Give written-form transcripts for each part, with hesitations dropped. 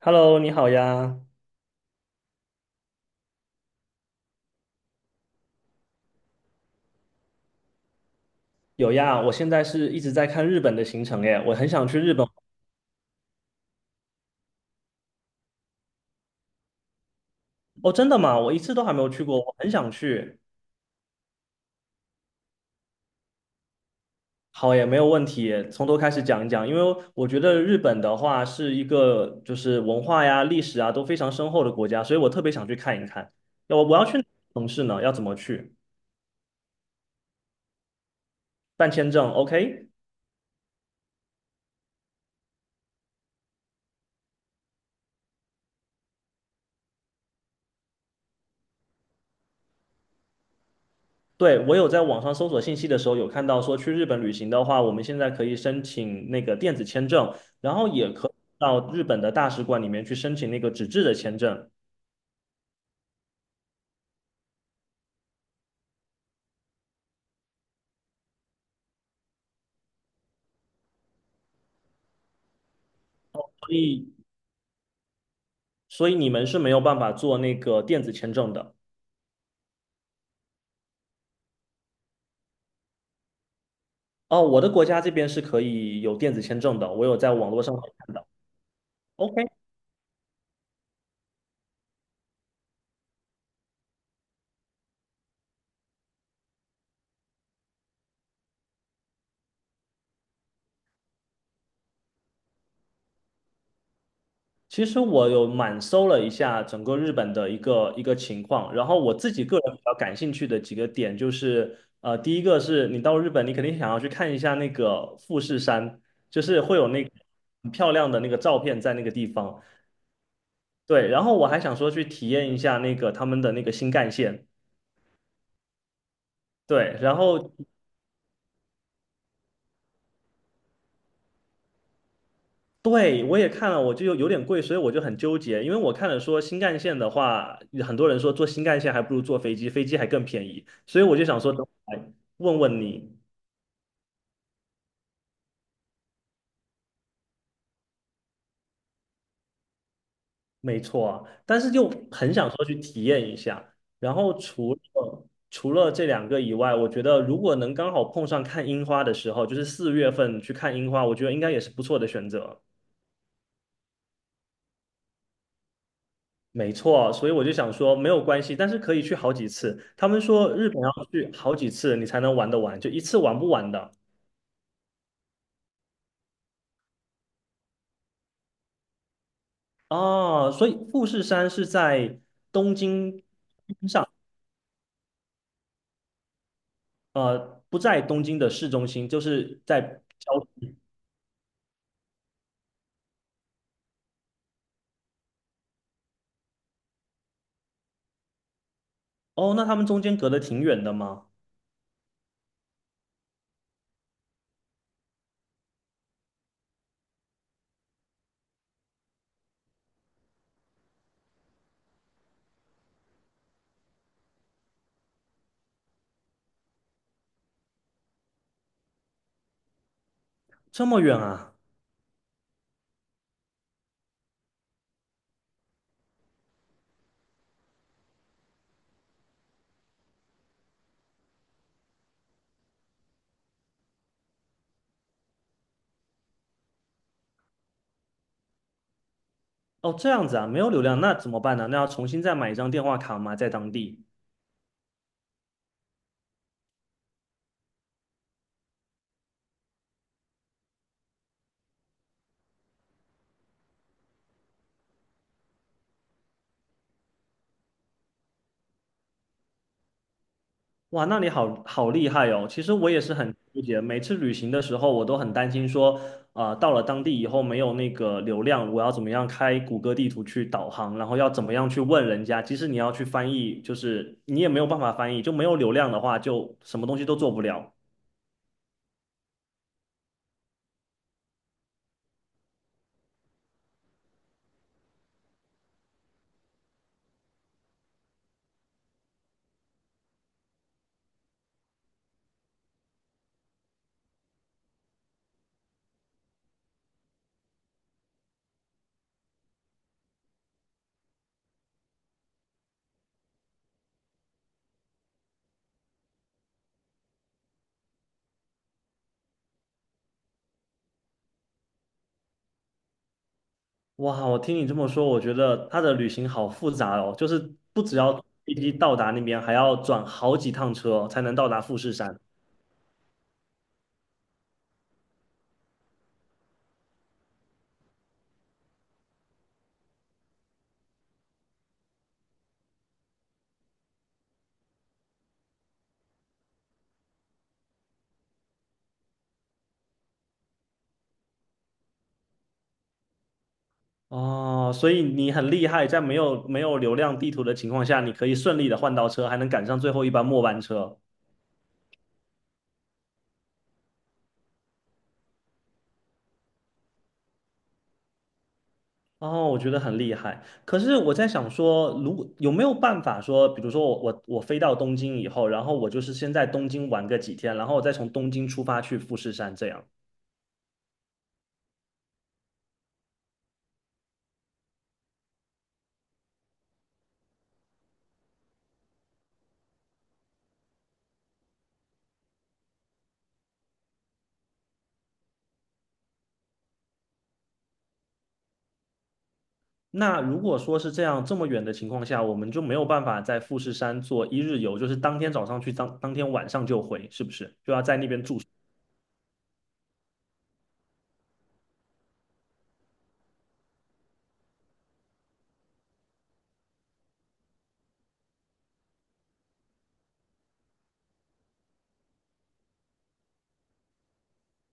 Hello，你好呀，有呀，我现在是一直在看日本的行程耶，我很想去日本。哦，真的吗？我一次都还没有去过，我很想去。好耶，没有问题耶从头开始讲一讲，因为我觉得日本的话是一个就是文化呀、历史啊都非常深厚的国家，所以我特别想去看一看。要我要去哪个城市呢？要怎么去？办签证，OK?对，我有在网上搜索信息的时候，有看到说去日本旅行的话，我们现在可以申请那个电子签证，然后也可以到日本的大使馆里面去申请那个纸质的签证。所以，所以你们是没有办法做那个电子签证的。哦，我的国家这边是可以有电子签证的，我有在网络上看到。OK。其实我有满搜了一下整个日本的一个一个情况，然后我自己个人比较感兴趣的几个点就是，第一个是你到日本，你肯定想要去看一下那个富士山，就是会有那个很漂亮的那个照片在那个地方。对，然后我还想说去体验一下那个他们的那个新干线。对，然后对，我也看了，我就有点贵，所以我就很纠结，因为我看了说新干线的话，很多人说坐新干线还不如坐飞机，飞机还更便宜，所以我就想说，等我来问问你，没错啊但是就很想说去体验一下。然后除了这两个以外，我觉得如果能刚好碰上看樱花的时候，就是4月份去看樱花，我觉得应该也是不错的选择。没错，所以我就想说没有关系，但是可以去好几次。他们说日本要去好几次你才能玩得完，就一次玩不完的。哦，所以富士山是在东京，呃，不在东京的市中心，就是在郊。哦，那他们中间隔得挺远的吗？这么远啊？哦，这样子啊，没有流量，那怎么办呢？那要重新再买一张电话卡吗？在当地？哇，那你好好厉害哦！其实我也是很纠结，每次旅行的时候，我都很担心说，啊、到了当地以后没有那个流量，我要怎么样开谷歌地图去导航，然后要怎么样去问人家。即使你要去翻译，就是你也没有办法翻译，就没有流量的话，就什么东西都做不了。哇，我听你这么说，我觉得他的旅行好复杂哦，就是不只要飞机到达那边，还要转好几趟车才能到达富士山。哦，所以你很厉害，在没有流量地图的情况下，你可以顺利的换到车，还能赶上最后一班末班车。哦，我觉得很厉害。可是我在想说，如果有没有办法说，比如说我飞到东京以后，然后我就是先在东京玩个几天，然后我再从东京出发去富士山这样。那如果说是这样这么远的情况下，我们就没有办法在富士山做一日游，就是当天早上去，当天晚上就回，是不是？就要在那边住。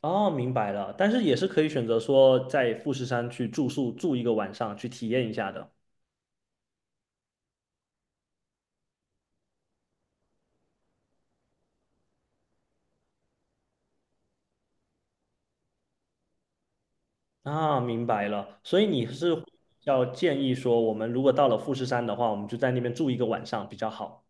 哦，明白了，但是也是可以选择说在富士山去住宿住一个晚上，去体验一下的。啊，明白了，所以你是要建议说，我们如果到了富士山的话，我们就在那边住一个晚上比较好。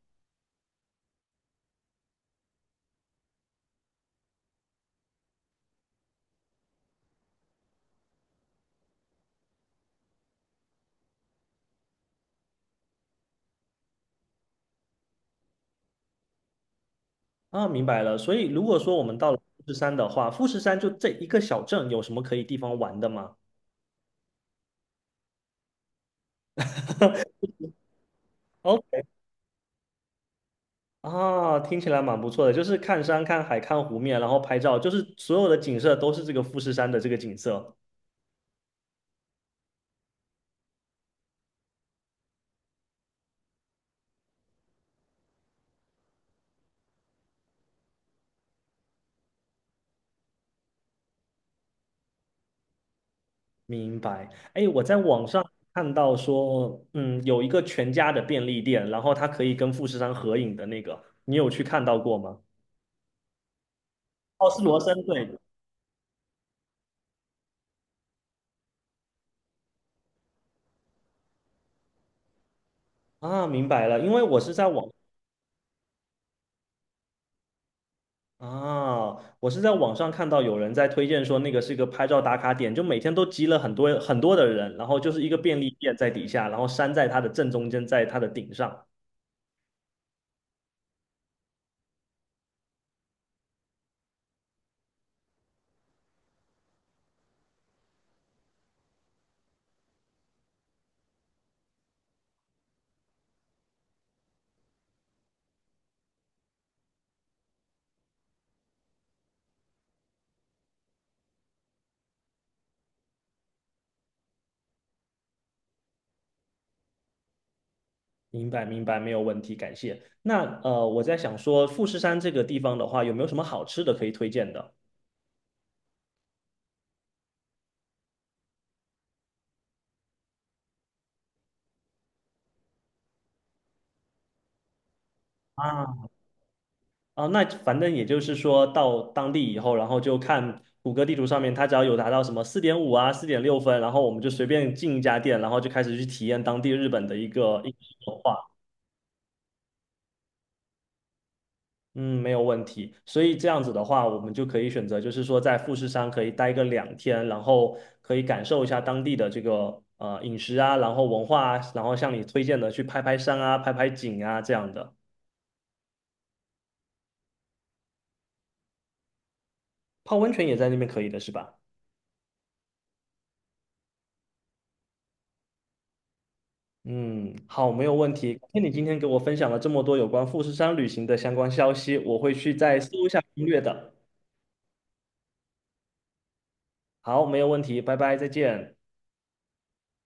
啊，明白了，所以如果说我们到了富士山的话，富士山就这一个小镇，有什么可以地方玩的吗 ？OK,啊，听起来蛮不错的，就是看山、看海、看湖面，然后拍照，就是所有的景色都是这个富士山的这个景色。明白。哎，我在网上看到说，嗯，有一个全家的便利店，然后它可以跟富士山合影的那个，你有去看到过吗？哦，是罗森，对。啊，明白了，因为我是在网啊，我是在网上看到有人在推荐说那个是一个拍照打卡点，就每天都集了很多很多的人，然后就是一个便利店在底下，然后山在它的正中间，在它的顶上。明白，明白，没有问题，感谢。那我在想说，富士山这个地方的话，有没有什么好吃的可以推荐的？啊，啊,那反正也就是说到当地以后，然后就看谷歌地图上面，它只要有达到什么4.5啊、4.6分，然后我们就随便进一家店，然后就开始去体验当地日本的一个饮食文化。嗯，没有问题。所以这样子的话，我们就可以选择，就是说在富士山可以待个2天，然后可以感受一下当地的这个饮食啊，然后文化啊，然后像你推荐的去拍拍山啊、拍拍景啊这样的。泡温泉也在那边可以的是吧？嗯，好，没有问题。感谢你今天给我分享了这么多有关富士山旅行的相关消息，我会去再搜一下攻略的。好，没有问题，拜拜，再见。